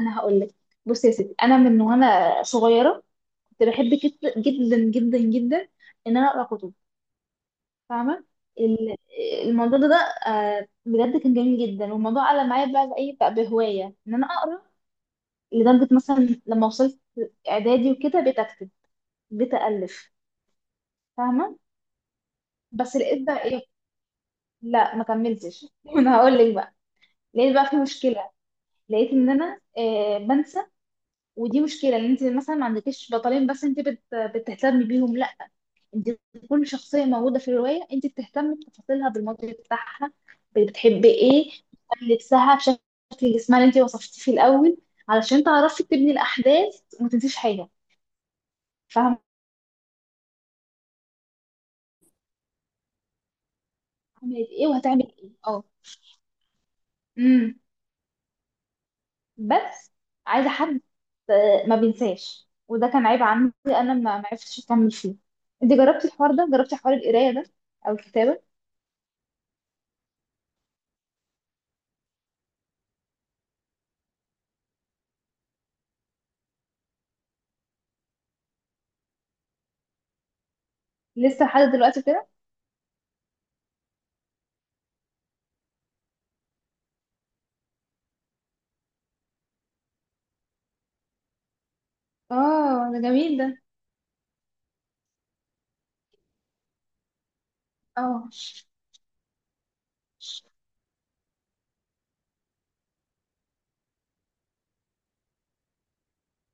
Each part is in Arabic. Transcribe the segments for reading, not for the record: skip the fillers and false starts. انا هقول لك. بصي يا ستي، انا من وانا صغيره كنت بحب جدا جدا جدا ان انا اقرا كتب، فاهمه؟ ال- الموضوع ده بجد كان جميل جدا، والموضوع علق معايا بقى بايه بقى بهوايه ان انا اقرا. لدرجه مثلا لما وصلت اعدادي وكده بقيت اكتب، بقيت الف. فاهمه؟ بس لقيت بقى ايه، لا ما كملتش. انا هقول لك بقى، لقيت بقى في مشكله. لقيت ان انا بنسى. ودي مشكله ان انت مثلا ما عندكيش بطلين بس انت بتهتمي بيهم. انت كل شخصيه موجوده في الروايه انت بتهتمي بتفاصيلها، بالماضي بتاعها، بتحب ايه، بتهتمي لبسها، بشكل جسمها اللي انت وصفتيه في الاول، علشان تعرفي تبني الاحداث وما تنسيش حاجه. فاهمه؟ عملت ايه وهتعمل ايه، اه. امم. بس عايزه حد ما بينساش. وده كان عيب عندي انا، ما عرفتش اكمل فيه. انت جربتي الحوار ده؟ جربتي حوار القرايه ده او الكتابه؟ لسه لحد دلوقتي كده؟ اه، ده جميل ده. اه.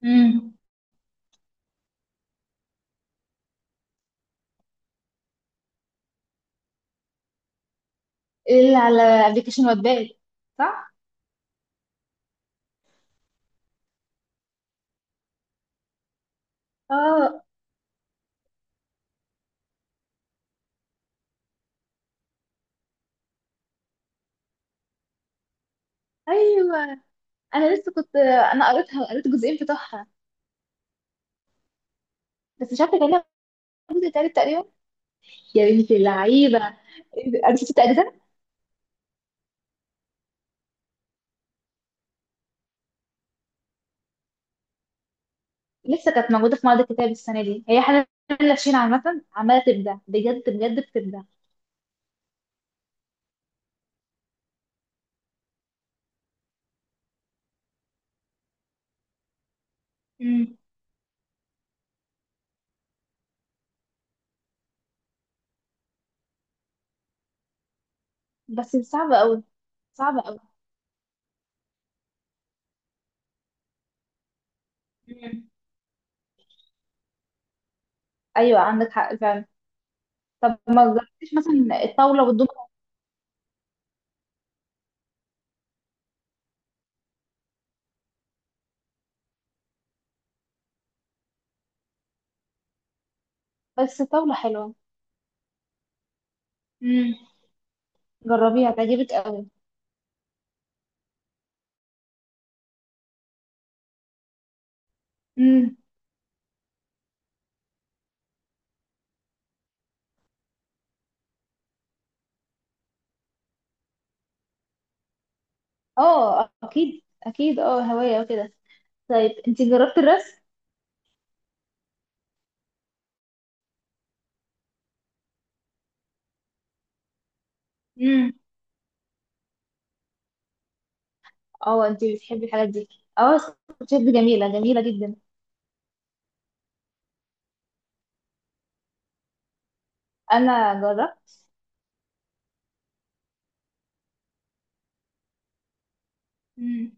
امم. اللي على ابلكيشن واتباد؟ صح. اه. ايوه، انا لسه كنت انا قريتها وقريت الجزئين بتوعها. بس مش عارفه كان لها جزء تالت تقريبا. يا بنتي اللعيبه، قريت 6 اجزاء. لسه كانت موجوده في معرض الكتاب السنه دي، هي حاجه. لافشين عامه عماله تبدع، بجد بجد بتبدع. مم. بس صعبه قوي، صعبه قوي. مم. ايوه عندك حق فعلا. طب ما جربتيش مثلا الطاوله والدومنه؟ بس الطاوله حلوه. مم. جربيها تعجبك قوي. اه اكيد اكيد، اه هواية وكده. طيب انت جربت الرسم؟ امم. اه انت بتحبي الحاجات دي؟ اه سكتشات دي جميلة، جميلة جدا. انا جربت. امم.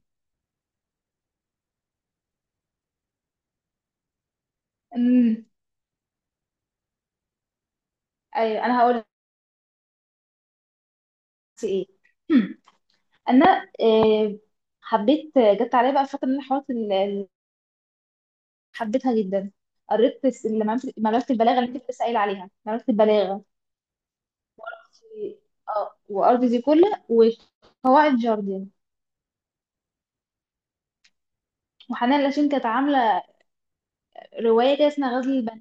امم. ايوه انا هقول لك ايه. هم. انا آه، حبيت، جت عليا بقى فترة ان انا حاولت حبيتها جدا. قريت اللي ملف البلاغة اللي انت كنت سائل عليها، ملف البلاغة. اه، وارض زيكولا وقواعد جاردن. وحنان لاشين كانت عاملة رواية كده اسمها غزل البنات.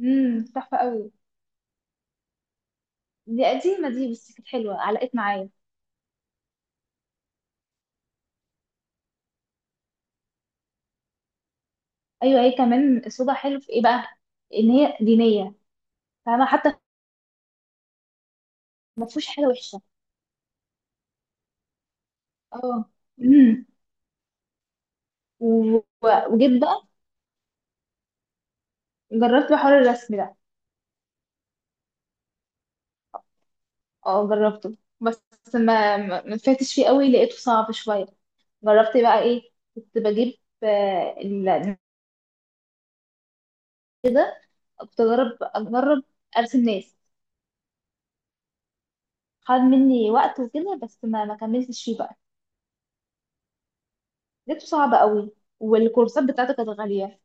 امم، تحفة قوي. دي قديمة دي بس كانت حلوة، علقت معايا. ايوه هي كمان اسلوبها حلو في ايه بقى، ان هي دينية، فاهمة حتى؟ ما فيهوش حاجة وحشة. اه. امم. و- و- وجيت بقى جربت بقى حوار الرسم ده. اه جربته، بس ما فاتش فيه قوي، لقيته صعب شوية. جربت بقى ايه، كنت بجيب آه، ال- كده. كنت اجرب ارسم ناس. خد مني وقت وكده بس ما كملتش فيه بقى. لقيته صعب قوي، والكورسات بتاعته كانت غالية.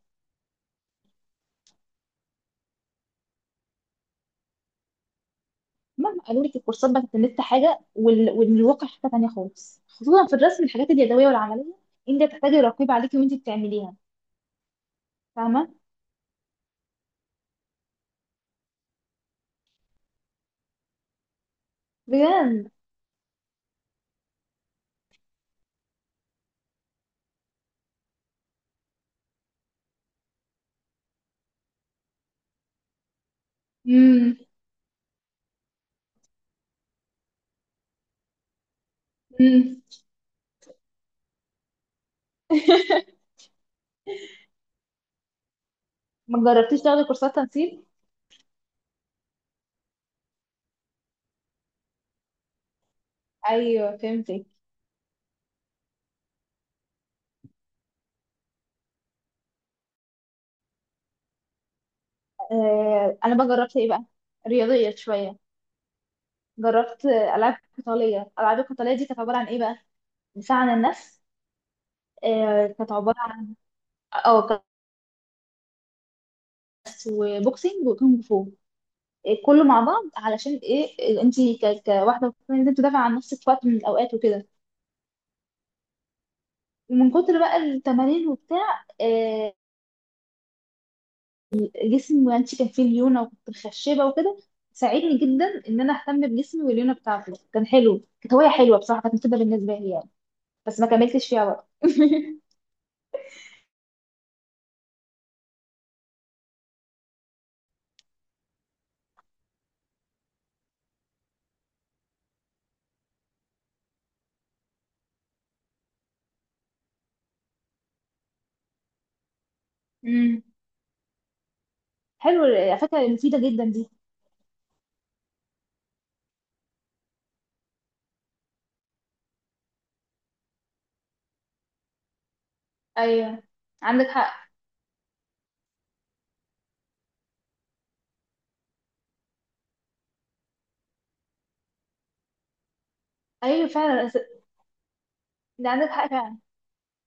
مهما قالوا لك، الكورسات بتاعت النت حاجة والواقع حاجة تانية خالص، خصوصا في الرسم الحاجات اليدوية والعملية. انت بتحتاجي رقيب عليكي وانت بتعمليها. فاهمة؟ بجد. امم. أمم. ما جربتيش تاخدي كورسات تنسيق؟ ايوه فهمتك. آه انا بقى جربت ايه بقى، رياضيه شويه. جربت العاب قتاليه. الالعاب القتاليه دي كانت عباره عن ايه بقى، دفاع عن النفس. آه كانت عباره عن، اه، كاس وبوكسينج وكونغ فو، إيه كله مع بعض، علشان ايه، إيه، انت كواحده المفروض ان انت تدافع عن نفسك في وقت من الاوقات وكده. ومن كتر بقى التمارين وبتاع إيه جسمي، وانت كان فيه ليونه وكنت مخشبه وكده. ساعدني جدا ان انا اهتم بجسمي، والليونه بتاعته كان حلو، كانت هوايه حلوه بصراحه، كانت مفيده بالنسبه لي يعني. بس ما كملتش فيها وقت. امم. حلو على فكره، مفيده جدا دي. ايوه عندك حق، ايوه فعلا. ده عندك حق فعلا.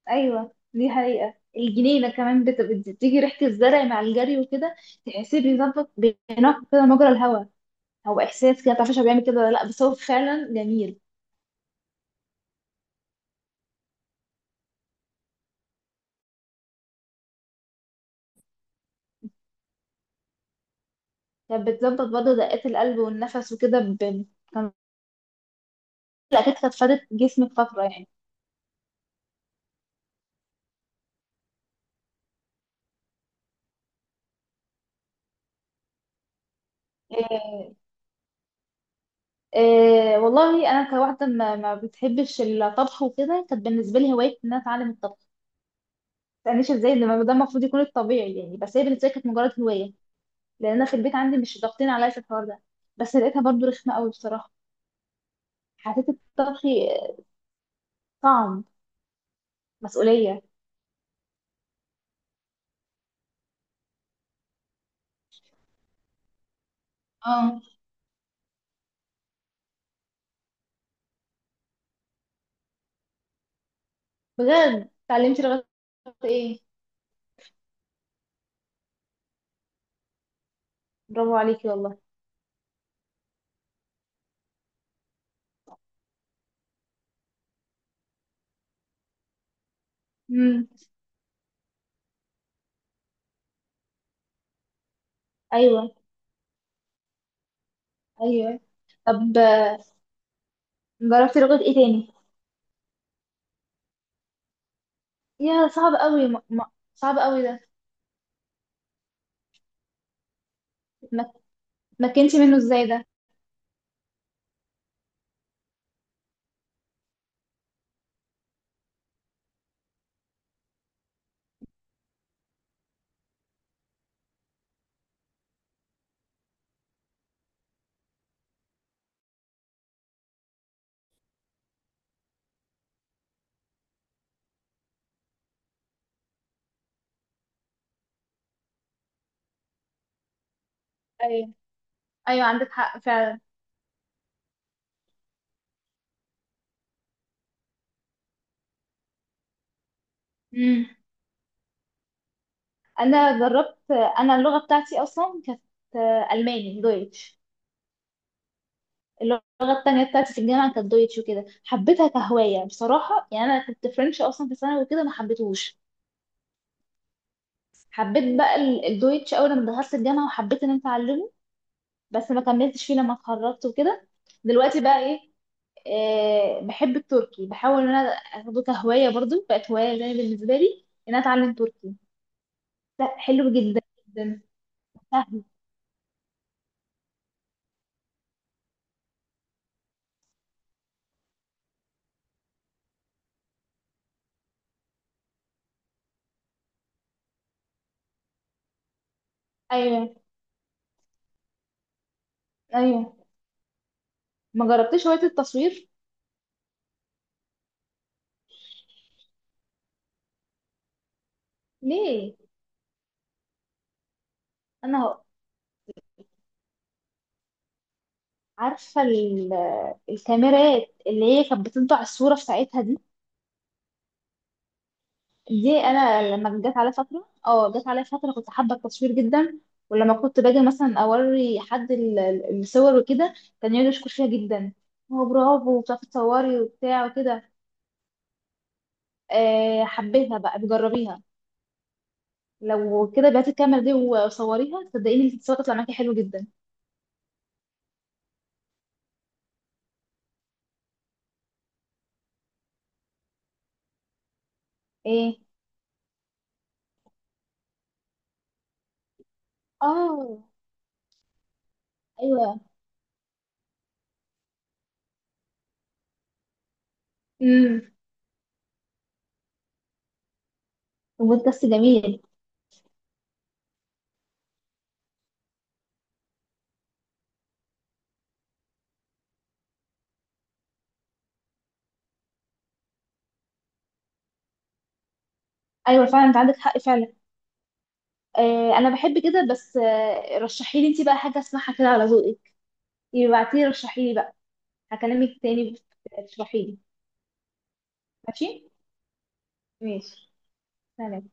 ايوه دي حقيقة. الجنينة كمان بتيجي ريحة الزرع مع الجري وكده، تحسيه بيظبط، بينقي كده مجرى الهواء. هو احساس كده، متعرفش هو بيعمل كده ولا لا، بس هو فعلا جميل. كانت بتظبط برضه دقات القلب والنفس وكده كان الاكيد كانت فادت جسمك فترة يعني. إيه... والله انا كواحدة ما بتحبش الطبخ وكده، كانت بالنسبة لي هواية ان انا اتعلم الطبخ. ما تسألنيش ازاي، ده ده المفروض يكون الطبيعي يعني، بس هي بالنسبة لي كانت مجرد هواية، لان انا في البيت عندي مش ضاغطين عليا في الحوار ده. بس لقيتها برضو رخمه قوي بصراحه، حسيت الطبخ صعب، مسؤوليه. اه بجد، اتعلمتي لغايه ايه؟ برافو عليكي والله. امم. ايوه ايوه. طب جربتي لغه ايه تاني؟ يا صعب قوي، صعب قوي ده. اتمك- اتمكنتي منه ازاي ده ايوه ايوه عندك حق فعلا. امم. انا جربت، انا اللغه بتاعتي اصلا كانت الماني، دويتش. اللغة التانية بتاعتي في الجامعة كانت دويتش وكده، حبيتها كهواية بصراحة. يعني أنا كنت فرنش أصلا في ثانوي وكده، ما حبيتهوش. حبيت بقى الدويتش أول ما دخلت الجامعة، وحبيت إن أنا أتعلمه، بس ما كملتش فيه لما اتخرجت وكده. دلوقتي بقى إيه، آه بحب التركي، بحاول إن أنا أخده كهواية برضو، بقت هواية زي بالنسبة لي إن أنا أتعلم تركي. لا حلو جدا جدا، سهل. أيوه. أيوه. ما جربتش هواية التصوير؟ ليه؟ أنا عارفة الكاميرات اللي هي كانت بتطبع الصورة في ساعتها دي. دي أنا لما جت عليا فترة، اه جت عليا فترة كنت حابة التصوير جدا. ولما كنت باجي مثلا أوري حد الصور وكده، كان يقعد يشكر فيها جدا، هو برافو بتعرفي تصوري وبتاع وكده. أه حبيتها بقى، بجربيها. لو كده بعتي الكاميرا دي وصوريها، صدقيني الصور تطلع معاكي حلو جدا. ايه. اه. ايوه. امم. البودكاست جميل. ايوه فعلا انت عندك حق فعلا. انا بحب كده، بس رشحي لي انت بقى حاجه اسمعها كده على ذوقك. يبعتيلي رشحي لي بقى. هكلمك تاني. تشرحي لي. ماشي. ماشي. سلام.